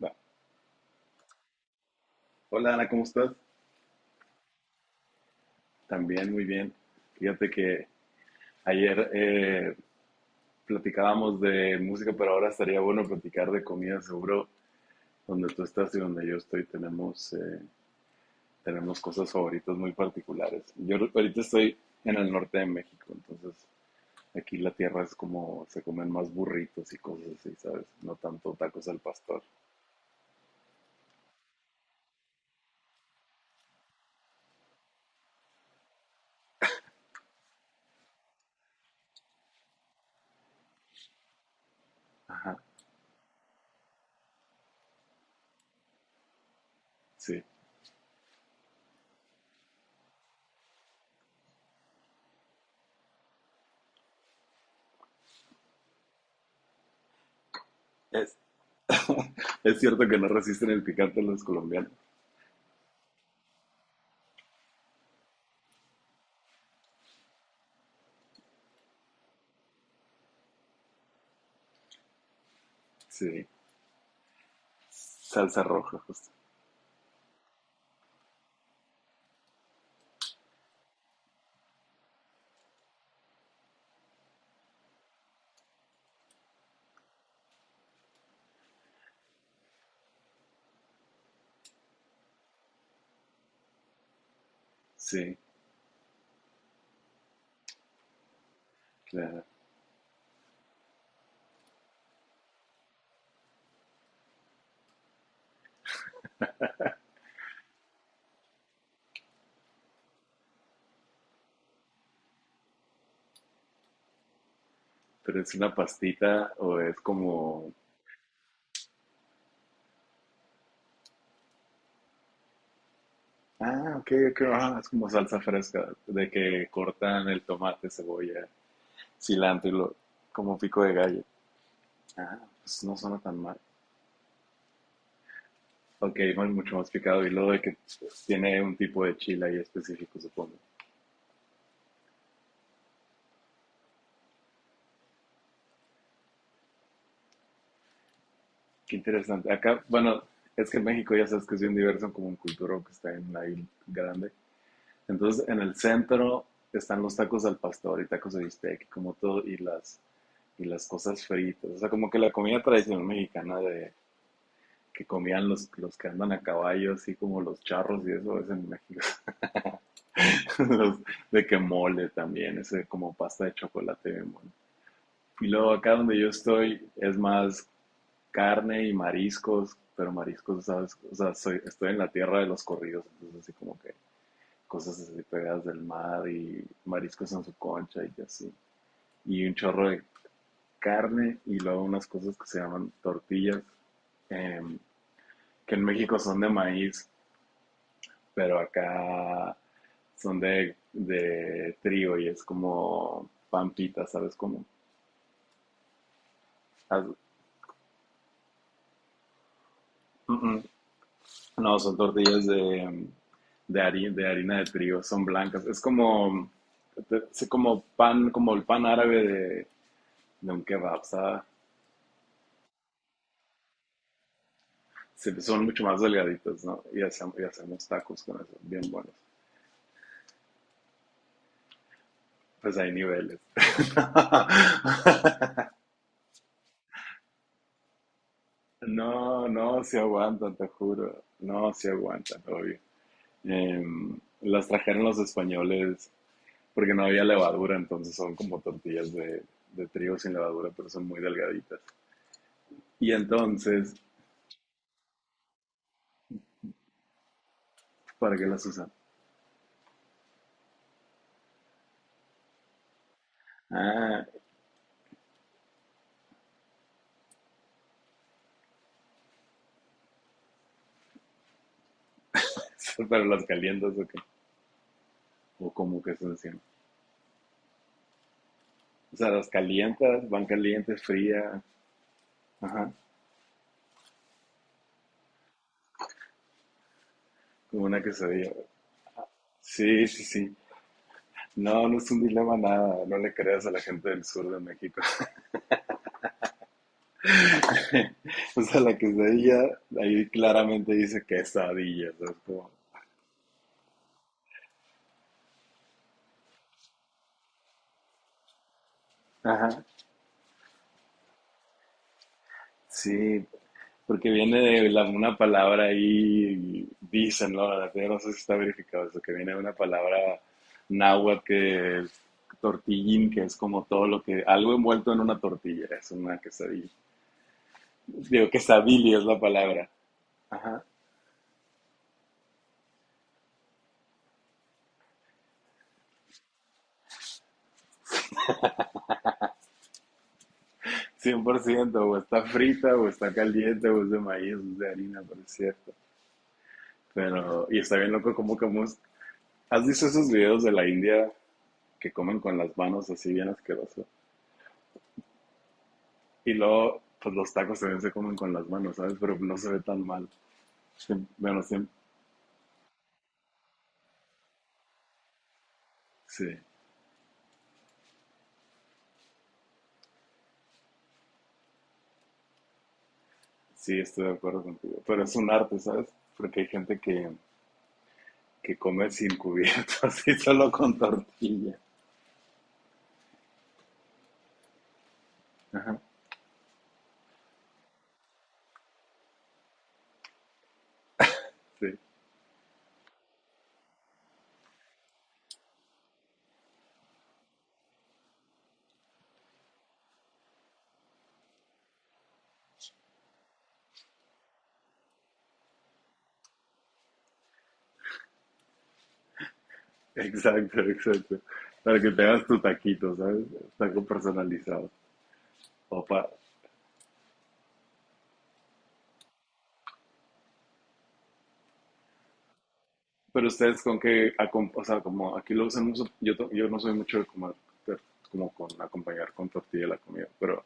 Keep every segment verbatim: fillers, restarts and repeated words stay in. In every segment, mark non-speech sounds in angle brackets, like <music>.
Va. Hola Ana, ¿cómo estás? También muy bien. Fíjate que ayer eh, platicábamos de música, pero ahora estaría bueno platicar de comida. Seguro donde tú estás y donde yo estoy tenemos, eh, tenemos cosas favoritas muy particulares. Yo ahorita estoy en el norte de México, entonces aquí la tierra es como se comen más burritos y cosas así, ¿sabes? No tanto tacos al pastor. Ajá, sí. Es, <laughs> es cierto que no resisten el picante los colombianos. Sí, salsa roja, sí, claro. <laughs> Pero ¿es una pastita o es como...? Ah, ok, ok, ah, es como salsa fresca, de que cortan el tomate, cebolla, cilantro y lo... como pico de gallo. Ah, pues no suena tan mal. Ok, no, es mucho más picado y luego de que tiene un tipo de chile ahí específico, supongo. Qué interesante. Acá, bueno, es que en México ya sabes que es bien diverso como un cultura que está en la isla grande. Entonces, en el centro están los tacos al pastor y tacos de bistec, como todo, y las, y las cosas fritas. O sea, como que la comida tradicional mexicana de que comían los, los que andan a caballo, así como los charros y eso, es en México. <laughs> Los- de que mole también, ese como pasta de chocolate bien bueno. Y luego acá donde yo estoy es más carne y mariscos, pero mariscos, ¿sabes? O sea, soy, estoy en la tierra de los corridos, entonces así como que cosas así pegadas del mar y mariscos en su concha y así. Y un chorro de carne y luego unas cosas que se llaman tortillas, em, que en México son de maíz, pero acá son de, de trigo y es como pampita, ¿sabes? Como... Mm, mm. No, son tortillas de, em, de harina, de harina de trigo, son blancas. Es como, es como pan, como el pan árabe de, de un kebab, ¿sabes? Sí, son mucho más delgaditos, ¿no? Y hacemos, y hacemos tacos con eso, bien buenos. Pues hay niveles. <laughs> No, no, se aguantan, te juro. No, se aguantan, obvio. Em, las trajeron los españoles porque no había levadura, entonces son como tortillas de, de trigo sin levadura, pero son muy delgaditas. Y entonces, ¿para qué las usan? Ah, <laughs> pero ¿las calientas o qué? O cómo que se encima. O sea, ¿las calientas, van calientes, frías? Ajá. Como una quesadilla. Sí, sí, sí. No, no es un dilema nada. No le creas a la gente del sur de México. <laughs> O sea, la quesadilla, ahí claramente dice quesadilla. O sea, es como... Ajá. Sí, porque viene de la- una palabra ahí, dicen, ¿no? La verdad, no sé si está verificado eso, que viene de una palabra náhuatl que es tortillín, que es como todo lo que, algo envuelto en una tortilla, es una quesadilla. Digo, quesadilla es la palabra. Ajá. Cien por ciento o está frita, o está caliente, o es de maíz, o es de harina, por cierto. Pero, y está bien loco cómo comemos. ¿Has visto esos videos de la India que comen con las manos así bien asqueroso? Y luego, pues los tacos también se comen con las manos, ¿sabes? Pero no se ve tan mal. Siem- Bueno, siem- sí, sí, estoy de acuerdo contigo. Pero es un arte, ¿sabes? Porque hay gente que, que come sin cubierto, <laughs> así solo con tortilla. Ajá, sí. Exacto, exacto. Para que te hagas tu taquito, ¿sabes? Taco personalizado. Opa. Pero ustedes ¿con qué acom-? O sea, como aquí lo usan mucho, yo, to- yo no soy mucho de comer, ter- como con acompañar con tortilla la comida, pero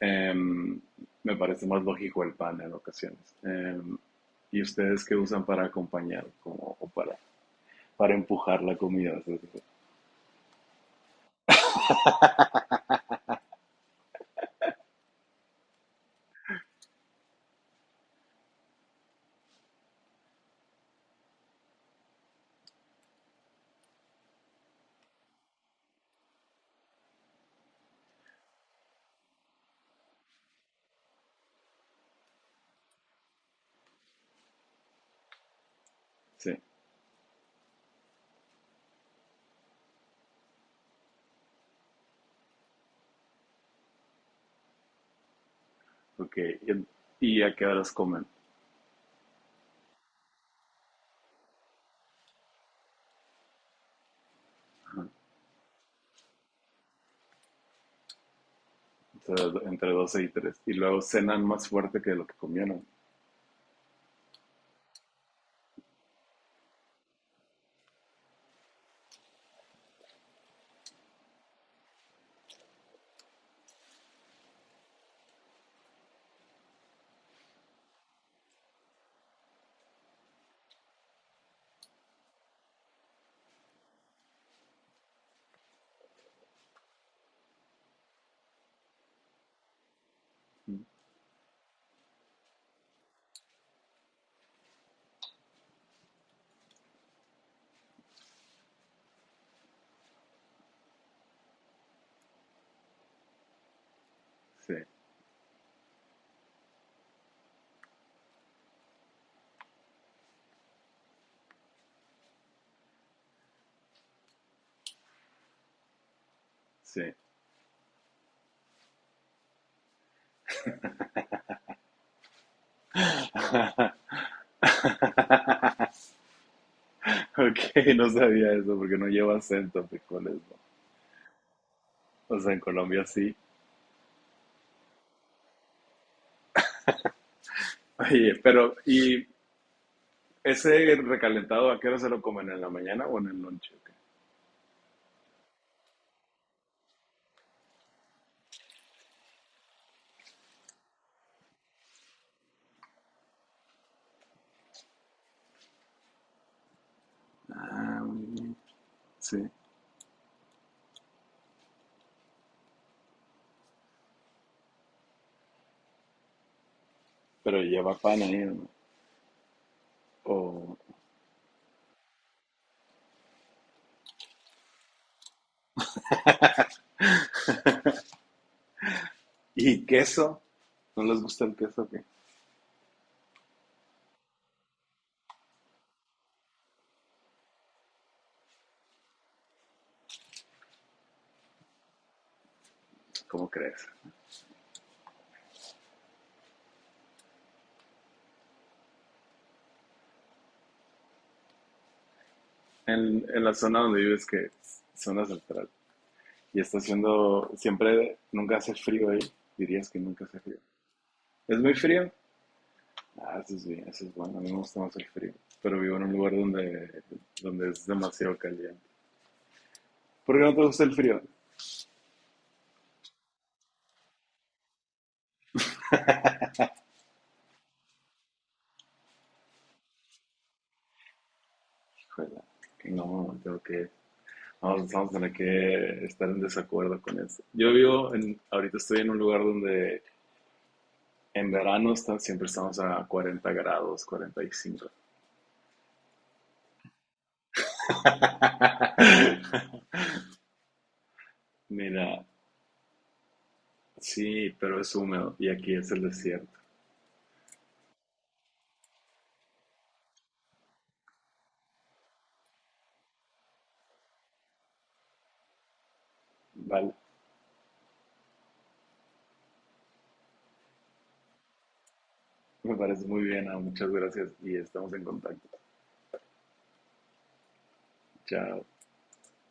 em, me parece más lógico el pan en ocasiones. Em, ¿y ustedes qué usan para acompañar, como, o para, para empujar la comida? ¿Sabes? Sí, ok. ¿Y, y a qué horas comen? Ajá. O sea, ¿entre doce y tres? Y luego cenan más fuerte que lo que comieron. Sí, sí. <laughs> Ok, no sabía eso porque no lleva acento frijoles, ¿no? O sea, en Colombia sí. Oye, pero ¿y ese recalentado a qué hora se lo comen? ¿En la mañana o en el lonche? ¿O qué? Ah, muy bien. Sí. Pero lleva pan ahí, ¿no? O- ¿Y queso? ¿No les gusta el queso? ¿O qué? ¿Cómo crees? En, en la zona donde vives, que es zona central, y está haciendo siempre, nunca hace frío ahí, dirías que nunca hace frío. ¿Es muy frío? Ah, eso es bien, eso es bueno. A mí me gusta más el frío. Pero vivo en un lugar donde, donde es demasiado caliente. ¿Por qué no te gusta el frío? Híjole, no, tengo que. Vamos, vamos a tener que estar en desacuerdo con eso. Yo vivo en. Ahorita estoy en un lugar donde en verano está- siempre estamos a cuarenta grados, cuarenta y cinco. <laughs> Mira, sí, pero es húmedo y aquí es el desierto. Vale, me parece muy bien. ah, Muchas gracias y estamos en contacto. Chao.